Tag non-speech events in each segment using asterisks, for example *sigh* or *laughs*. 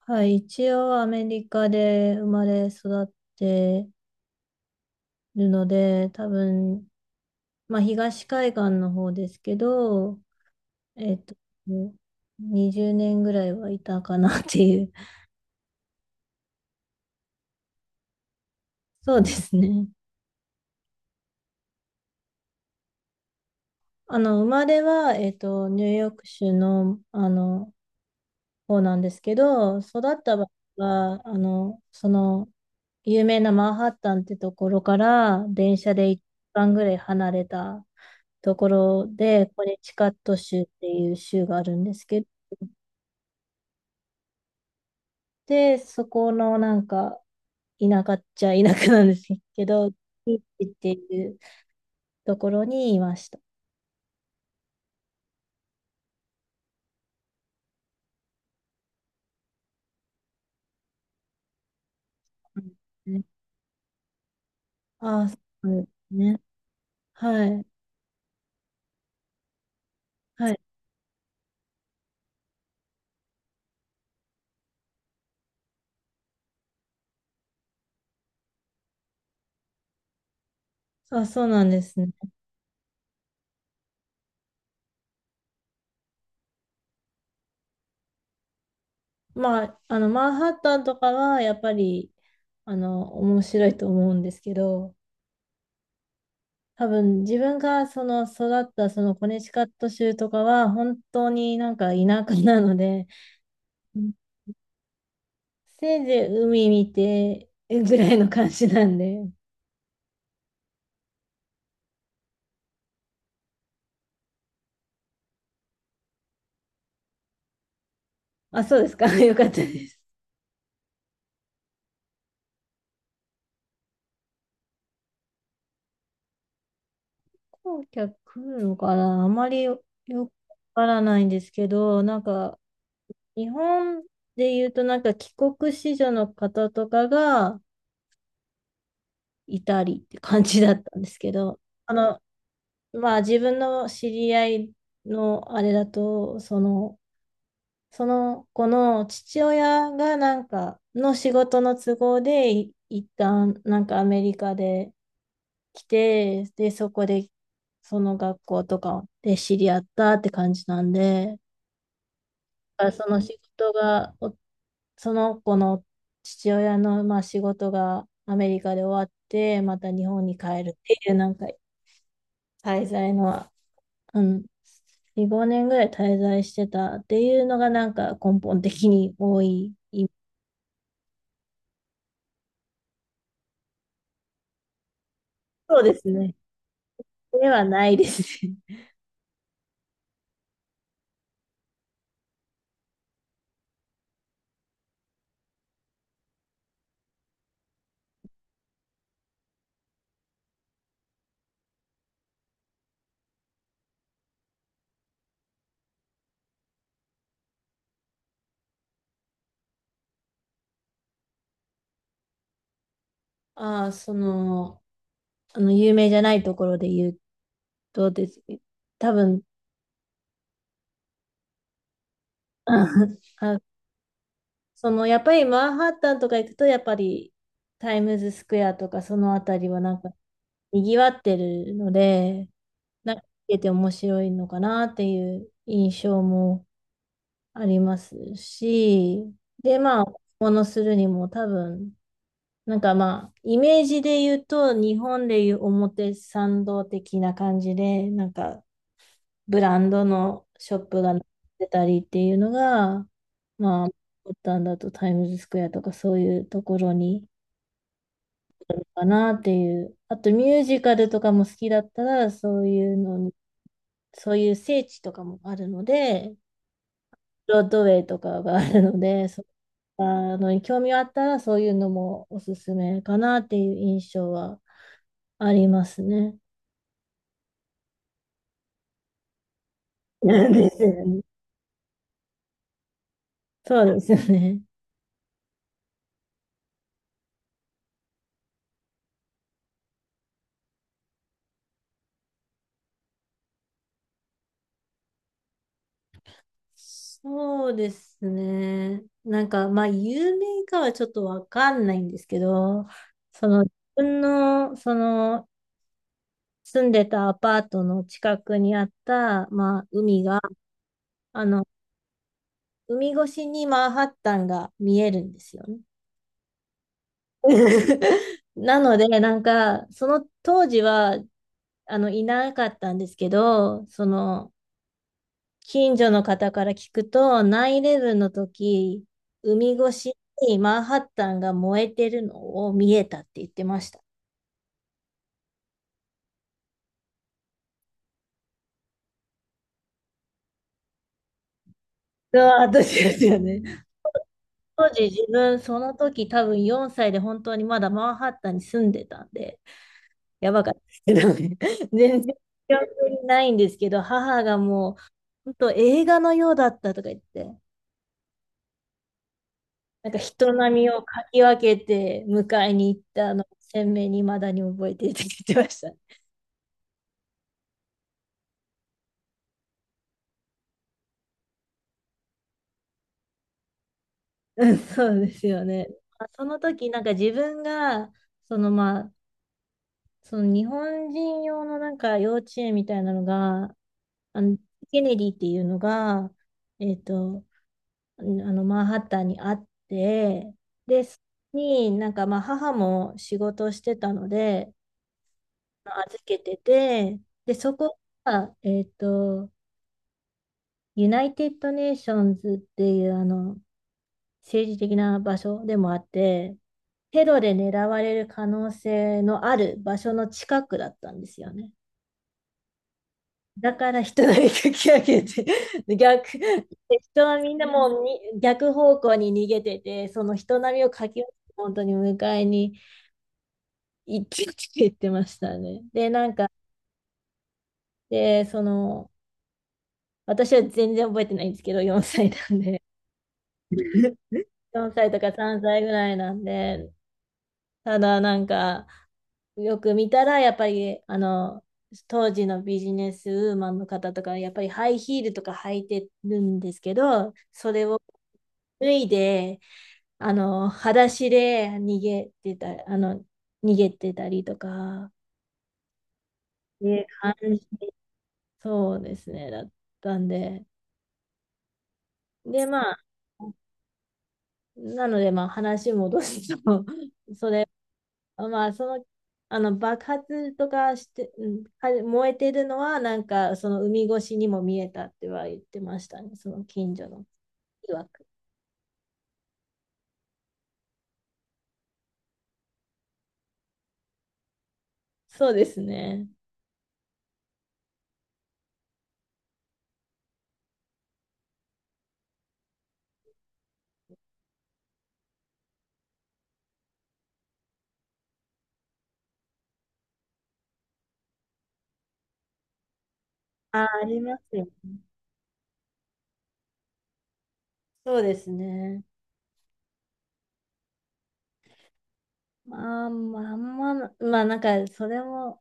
はい、一応アメリカで生まれ育ってるので、多分、まあ東海岸の方ですけど、えっと、20年ぐらいはいたかなっていう。*laughs* そうですね。生まれは、ニューヨーク州の、方なんですけど、育った場合は、有名なマンハッタンってところから電車で一番ぐらい離れたところで、コネチカット州っていう州があるんですけど、で、そこのなんか田舎っちゃ田舎なんですけど、ビーチっていうところにいました。うん。ああ、そうですね。はい。はい。あ、そうなんですね。まあ、あの、マンハッタンとかはやっぱり、面白いと思うんですけど、多分自分がその育ったそのコネチカット州とかは本当になんか田舎なので、うん、せいぜい海見てぐらいの感じなんで。あ、そうですか。*laughs* よかったです。飛行機は来るのかな、あまりよ、よくわからないんですけど、なんか日本で言うとなんか帰国子女の方とかがいたりって感じだったんですけど、あの、まあ自分の知り合いのあれだと、その、その子の父親がなんかの仕事の都合で一旦なんかアメリカで来て、で、そこでその学校とかで知り合ったって感じなんで、だからその仕事が、その子の父親のまあ仕事がアメリカで終わって、また日本に帰るっていうなんか滞在の、うん、4、5年ぐらい滞在してたっていうのがなんか根本的に多いイ。そうですね。ではないですね。*laughs* ああ、その、有名じゃないところで言うとですね、多分、*laughs* あ、その、やっぱりマンハッタンとか行くと、やっぱりタイムズスクエアとかそのあたりはなんか賑わってるので、なんか見てて面白いのかなっていう印象もありますし、で、まあ、ものするにも多分、なんかまあ、イメージで言うと、日本でいう表参道的な感じで、なんかブランドのショップが出たりっていうのが、まあ、ボタンだとタイムズスクエアとかそういうところにあるかなっていう。あとミュージカルとかも好きだったら、そういうの、そういう聖地とかもあるので、ブロードウェイとかがあるので、そういったのに興味があったら、そういうのもおすすめかなっていう印象はありますね。なんですよね。そうですよね。そうですね。なんか、まあ、有名かはちょっとわかんないんですけど、その、自分の、その、住んでたアパートの近くにあった、まあ、海が、あの、海越しにマンハッタンが見えるんですよね。*laughs* なので、なんか、その当時は、いなかったんですけど、その、近所の方から聞くと、9-11の時、海越しにマンハッタンが燃えてるのを見えたって言ってました。うわ、私ですよね。当時自分、その時多分4歳で本当にまだマンハッタンに住んでたんで、やばかったですけどね。*laughs* 全然記憶にないんですけど、母がもう、本当映画のようだったとか言って、なんか人波をかき分けて迎えに行ったのを鮮明に未だに覚えていて言ってました。うん、そうですよね。まあその時、なんか自分が、そのまあ、その日本人用のなんか幼稚園みたいなのが、あの、ケネディっていうのが、えっと、マンハッタンにあって、で、そこになんかまあ母も仕事をしてたので、預けてて、で、そこが、ユナイテッド・ネーションズっていう、あの、政治的な場所でもあって、テロで狙われる可能性のある場所の近くだったんですよね。だから人がかき上げて、*laughs* 逆、人はみんなもうに逆方向に逃げてて、その人波をかき上げて、本当に迎えに行ってって言ってましたね。で、なんか、その、私は全然覚えてないんですけど、4歳なんで、4歳とか3歳ぐらいなんで、ただなんか、よく見たら、やっぱり、当時のビジネスウーマンの方とか、やっぱりハイヒールとか履いてるんですけど、それを脱いで、裸足で逃げてたりとか、ね、感じそうですね、だったんで。で、まあ、なので、まあ、話戻すと、*laughs* それまあ、その、爆発とかして、うん、は燃えてるのは、なんか、その海越しにも見えたっては言ってましたね、その近所の曰く。そうですね。あ、ありますよね。そうですね。まあ、なんか、それも、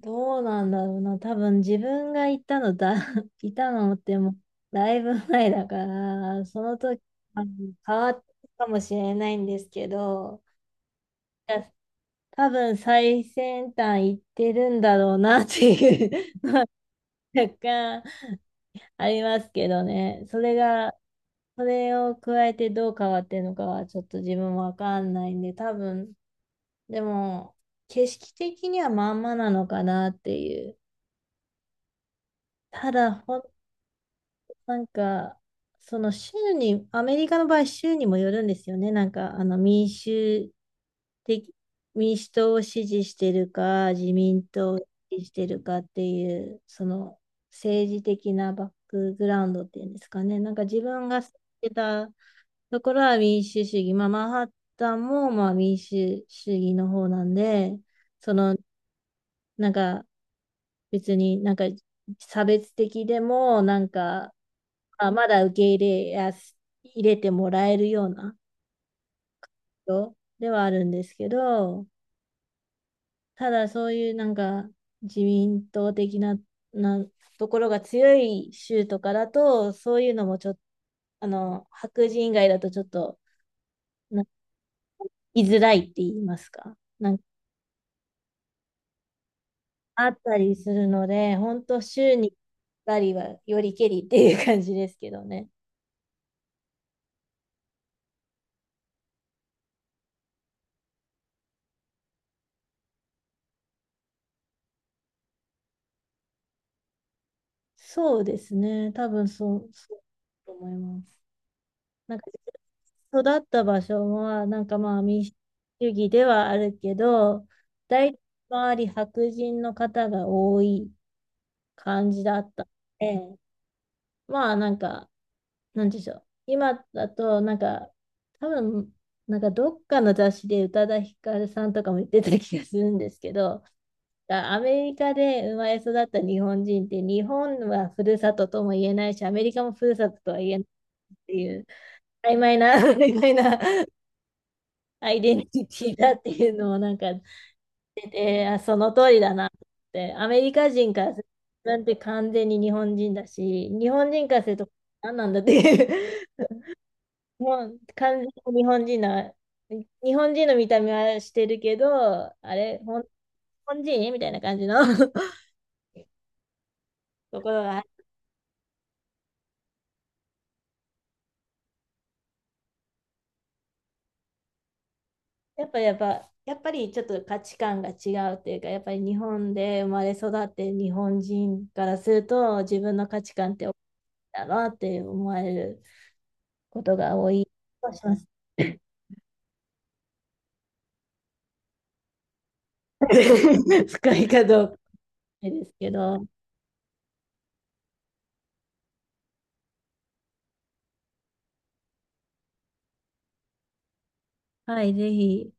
どうなんだろうな。多分、自分が行ったのだ、*laughs* いたのっても、だいぶ前だから、その時、まあの変わったかもしれないんですけど、多分最先端行ってるんだろうなっていう *laughs* 若干ありますけどね。それを加えてどう変わってるのかはちょっと自分もわかんないんで、多分、でも景色的にはまんまなのかなっていう。ただなんか、その州に、アメリカの場合、州にもよるんですよね。なんか、的、民主党を支持してるか、自民党を支持してるかっていう、その政治的なバックグラウンドっていうんですかね。なんか自分が知ってたところは民主主義、まあ、マンハッタンもまあ民主主義の方なんで、そのなんか別になんか差別的でも、なんか、あ、まだ受け入れやす、入れてもらえるような人ではあるんですけど、ただそういうなんか自民党的な、なところが強い州とかだと、そういうのもちょっと、白人以外だとちょっと、な居づらいって言いますか。なんかあったりするので、本当週に2りはよりけりっていう感じですけどね。そうですね。多分そうだと思います。なんか育った場所は、なんかまあ民主主義ではあるけど、大体周り白人の方が多い感じだったので、まあなんか、なんでしょう。今だと、なんか、多分、なんかどっかの雑誌で宇多田ヒカルさんとかも言ってた気がするんですけど、アメリカで生まれ育った日本人って、日本はふるさととも言えないし、アメリカもふるさととは言えないっていう、曖昧な *laughs*、曖昧なアイデンティティだっていうのをなんか、その通りだなって、アメリカ人からすると、自分って完全に日本人だし、日本人からすると、何なんだっていう、*laughs* もう完全に日本人な、日本人の見た目はしてるけど、あれ、日本人みたいな感じの *laughs* ところがやっぱりちょっと価値観が違うっていうか、やっぱり日本で生まれ育って日本人からすると自分の価値観って大きいだなって思われることが多い気がします。*laughs* 深いかどうかですけど、はい、ぜひ